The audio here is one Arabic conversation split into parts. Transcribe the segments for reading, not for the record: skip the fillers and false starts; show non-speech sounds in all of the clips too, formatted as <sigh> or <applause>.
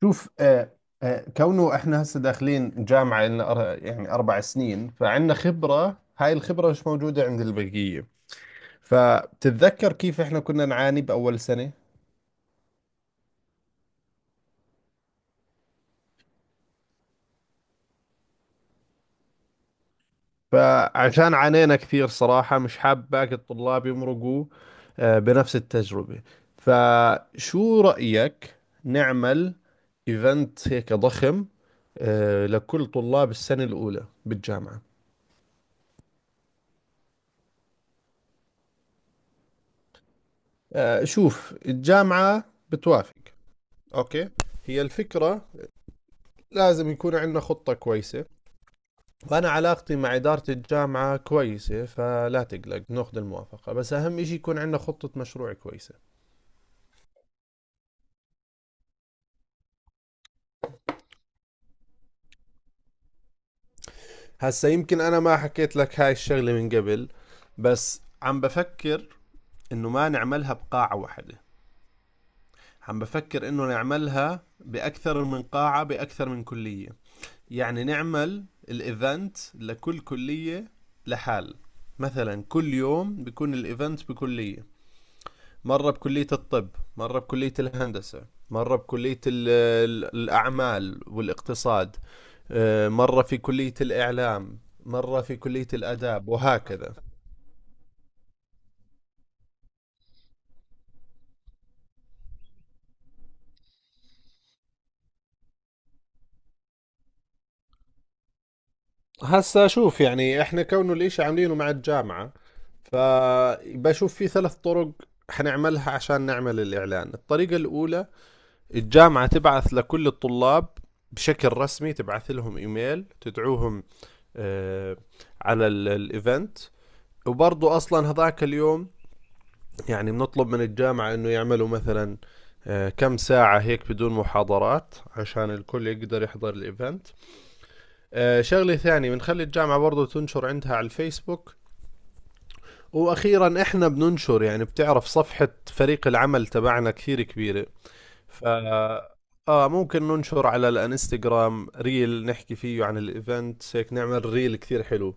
شوف. كونه احنا هسه داخلين جامعة لنا يعني أربع سنين، فعندنا خبرة، هاي الخبرة مش موجودة عند البقية. فبتتذكر كيف احنا كنا نعاني بأول سنة. فعشان عانينا كثير صراحة مش حاب باقي الطلاب يمرقوا بنفس التجربة. فشو رأيك نعمل ايفنت هيك ضخم لكل طلاب السنة الأولى بالجامعة؟ شوف الجامعة بتوافق. اوكي، هي الفكرة لازم يكون عندنا خطة كويسة، وأنا علاقتي مع إدارة الجامعة كويسة، فلا تقلق ناخذ الموافقة، بس أهم إشي يكون عندنا خطة مشروع كويسة. هسا يمكن أنا ما حكيت لك هاي الشغلة من قبل، بس عم بفكر إنه ما نعملها بقاعة واحدة، عم بفكر إنه نعملها بأكثر من قاعة بأكثر من كلية، يعني نعمل الإيفنت لكل كلية لحال. مثلا كل يوم بيكون الإيفنت بكلية، مرة بكلية الطب، مرة بكلية الهندسة، مرة بكلية الأعمال والاقتصاد، مرة في كلية الإعلام، مرة في كلية الآداب، وهكذا. هسا شوف، يعني احنا كونه الاشي عاملينه مع الجامعة، فبشوف في ثلاث طرق حنعملها عشان نعمل الإعلان. الطريقة الأولى، الجامعة تبعث لكل الطلاب بشكل رسمي، تبعث لهم إيميل تدعوهم آه، على الإيفنت، وبرضو أصلا هذاك اليوم يعني بنطلب من الجامعة انه يعملوا مثلا كم ساعة هيك بدون محاضرات عشان الكل يقدر يحضر الايفنت. شغلة ثانية، بنخلي الجامعة برضو تنشر عندها على الفيسبوك. واخيرا احنا بننشر، يعني بتعرف صفحة فريق العمل تبعنا كثير كبيرة، ف اه ممكن ننشر على الانستغرام ريل نحكي فيه عن الايفنت، هيك نعمل ريل كثير حلو.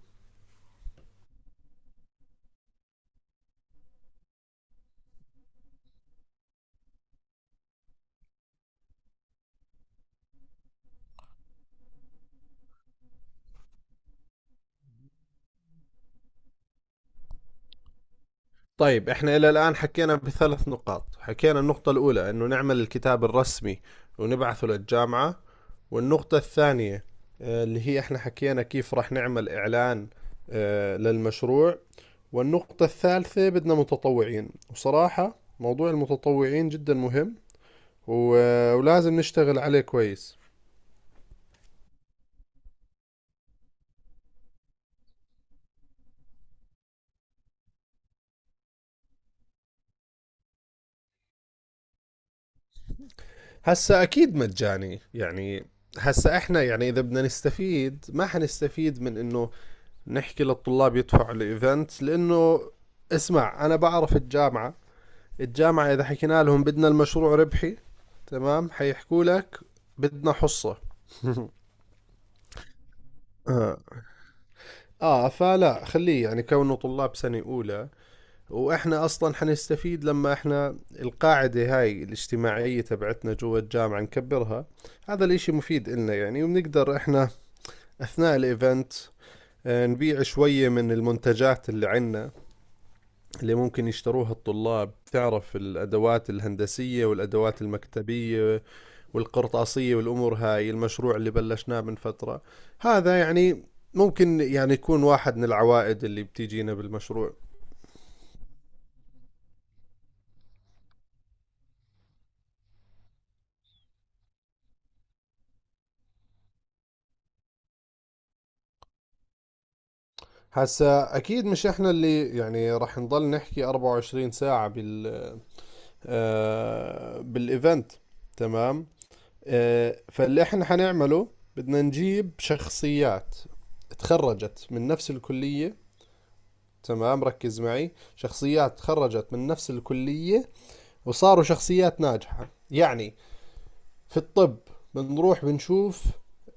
طيب احنا الى الان حكينا بثلاث نقاط. حكينا النقطة الاولى انه نعمل الكتاب الرسمي ونبعثه للجامعة. والنقطة الثانية، اللي هي احنا حكينا كيف راح نعمل اعلان للمشروع. والنقطة الثالثة، بدنا متطوعين، وصراحة موضوع المتطوعين جدا مهم ولازم نشتغل عليه كويس. هسا اكيد مجاني يعني، هسا احنا يعني اذا بدنا نستفيد ما حنستفيد من انه نحكي للطلاب يدفعوا الايفنت، لانه اسمع انا بعرف الجامعه، الجامعه اذا حكينا لهم بدنا المشروع ربحي، تمام، حيحكوا لك بدنا حصه. <laughs> <applause> آه. اه فلا خليه، يعني كونه طلاب سنه اولى، واحنا اصلا حنستفيد لما احنا القاعده هاي الاجتماعيه تبعتنا جوا الجامعه نكبرها، هذا الاشي مفيد لنا يعني. وبنقدر احنا اثناء الايفنت نبيع شويه من المنتجات اللي عندنا، اللي ممكن يشتروها الطلاب، تعرف الأدوات الهندسية والأدوات المكتبية والقرطاسية والأمور هاي، المشروع اللي بلشناه من فترة، هذا يعني ممكن يعني يكون واحد من العوائد اللي بتيجينا بالمشروع. هسا أكيد مش إحنا اللي يعني رح نضل نحكي 24 ساعة بال بالإيفنت، تمام. فاللي إحنا حنعمله، بدنا نجيب شخصيات تخرجت من نفس الكلية، تمام ركز معي، شخصيات تخرجت من نفس الكلية وصاروا شخصيات ناجحة. يعني في الطب بنروح بنشوف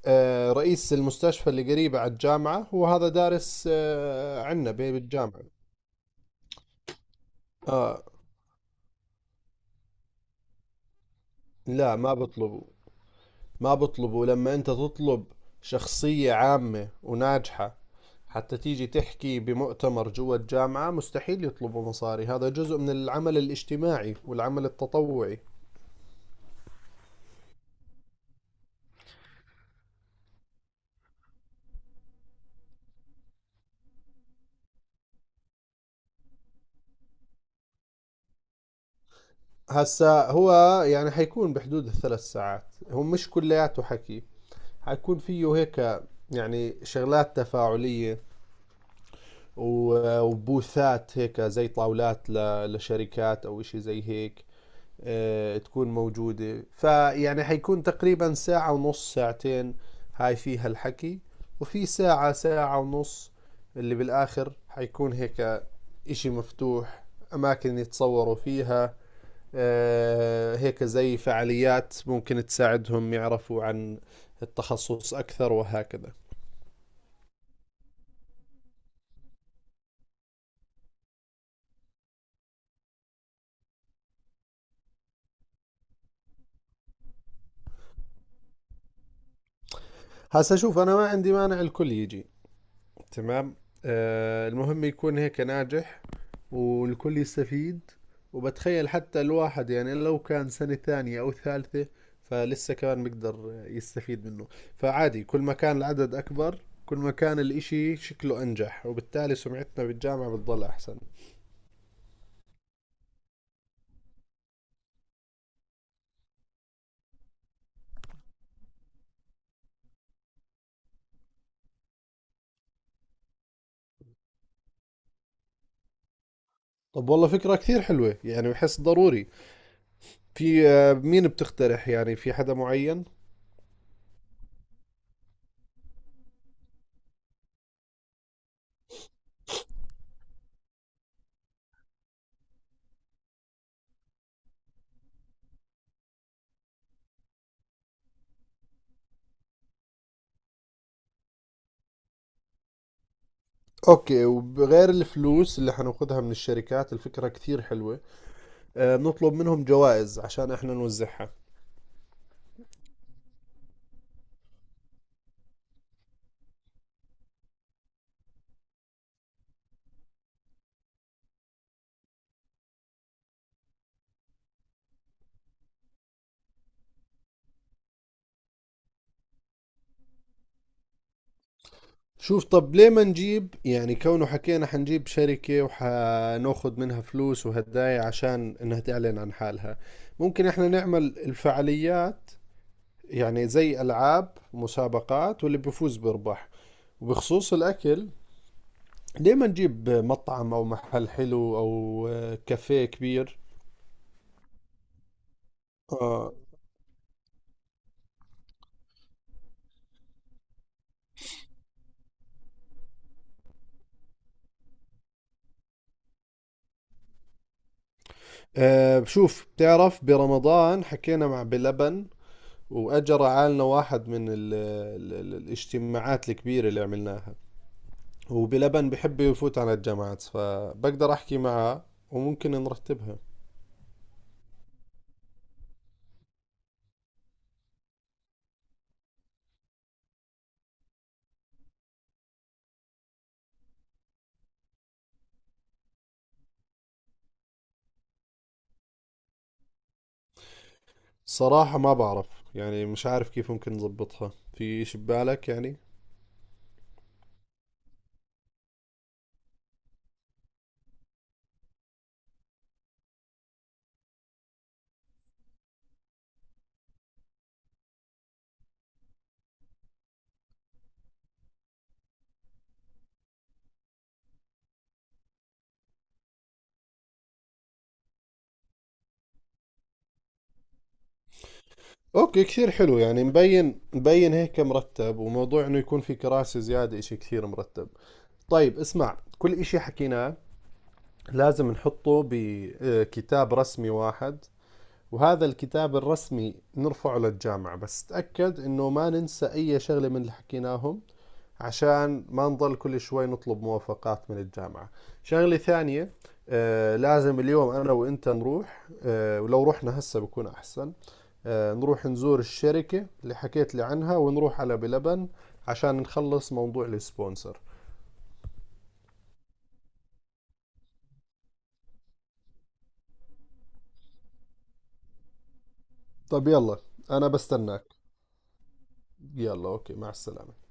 رئيس المستشفى اللي قريبة على الجامعة، هو هذا دارس عنا بالجامعة. آه لا ما بطلبوا، ما بطلبوا. لما أنت تطلب شخصية عامة وناجحة حتى تيجي تحكي بمؤتمر جوا الجامعة مستحيل يطلبوا مصاري، هذا جزء من العمل الاجتماعي والعمل التطوعي. هسا هو يعني حيكون بحدود الثلاث ساعات، هو مش كلياته حكي، حيكون فيه هيك يعني شغلات تفاعلية وبوثات هيك زي طاولات لشركات أو إشي زي هيك تكون موجودة. فيعني حيكون تقريبا ساعة ونص، ساعتين هاي فيها الحكي، وفي ساعة، ساعة ونص اللي بالآخر حيكون هيك إشي مفتوح، أماكن يتصوروا فيها هيك زي فعاليات ممكن تساعدهم يعرفوا عن التخصص أكثر، وهكذا. هسا شوف أنا ما عندي مانع الكل يجي، تمام، المهم يكون هيك ناجح والكل يستفيد. وبتخيل حتى الواحد يعني لو كان سنة ثانية أو ثالثة فلسه كمان بيقدر يستفيد منه، فعادي، كل ما كان العدد أكبر، كل ما كان الإشي شكله أنجح، وبالتالي سمعتنا بالجامعة بتضل أحسن. طب والله فكرة كثير حلوة، يعني بحس ضروري. في مين بتقترح؟ يعني في حدا معين؟ اوكي وغير الفلوس اللي حناخدها من الشركات، الفكرة كثير حلوة، بنطلب منهم جوائز عشان احنا نوزعها. شوف طب ليه ما نجيب، يعني كونه حكينا حنجيب شركة وحناخد منها فلوس وهدايا عشان انها تعلن عن حالها، ممكن احنا نعمل الفعاليات، يعني زي العاب مسابقات واللي بيفوز بيربح. وبخصوص الاكل، ليه ما نجيب مطعم او محل حلو او كافيه كبير. اه. شوف بتعرف برمضان حكينا مع بلبن، واجى رعالنا واحد من ال ال ال الاجتماعات الكبيرة اللي عملناها، وبلبن بحب يفوت على الجامعات، فبقدر احكي معه وممكن نرتبها. صراحة ما بعرف، يعني مش عارف كيف ممكن نظبطها، في إشي ببالك يعني؟ اوكي كثير حلو، يعني مبين هيك مرتب، وموضوع انه يكون في كراسي زيادة إشي كثير مرتب. طيب اسمع، كل إشي حكيناه لازم نحطه بكتاب رسمي واحد، وهذا الكتاب الرسمي نرفعه للجامعة، بس تأكد انه ما ننسى اي شغلة من اللي حكيناهم، عشان ما نضل كل شوي نطلب موافقات من الجامعة. شغلة ثانية، لازم اليوم انا وانت نروح، ولو رحنا هسه بكون احسن، نروح نزور الشركة اللي حكيت لي عنها، ونروح على بلبن عشان نخلص موضوع السبونسر. طب يلا، انا بستناك. يلا اوكي، مع السلامة.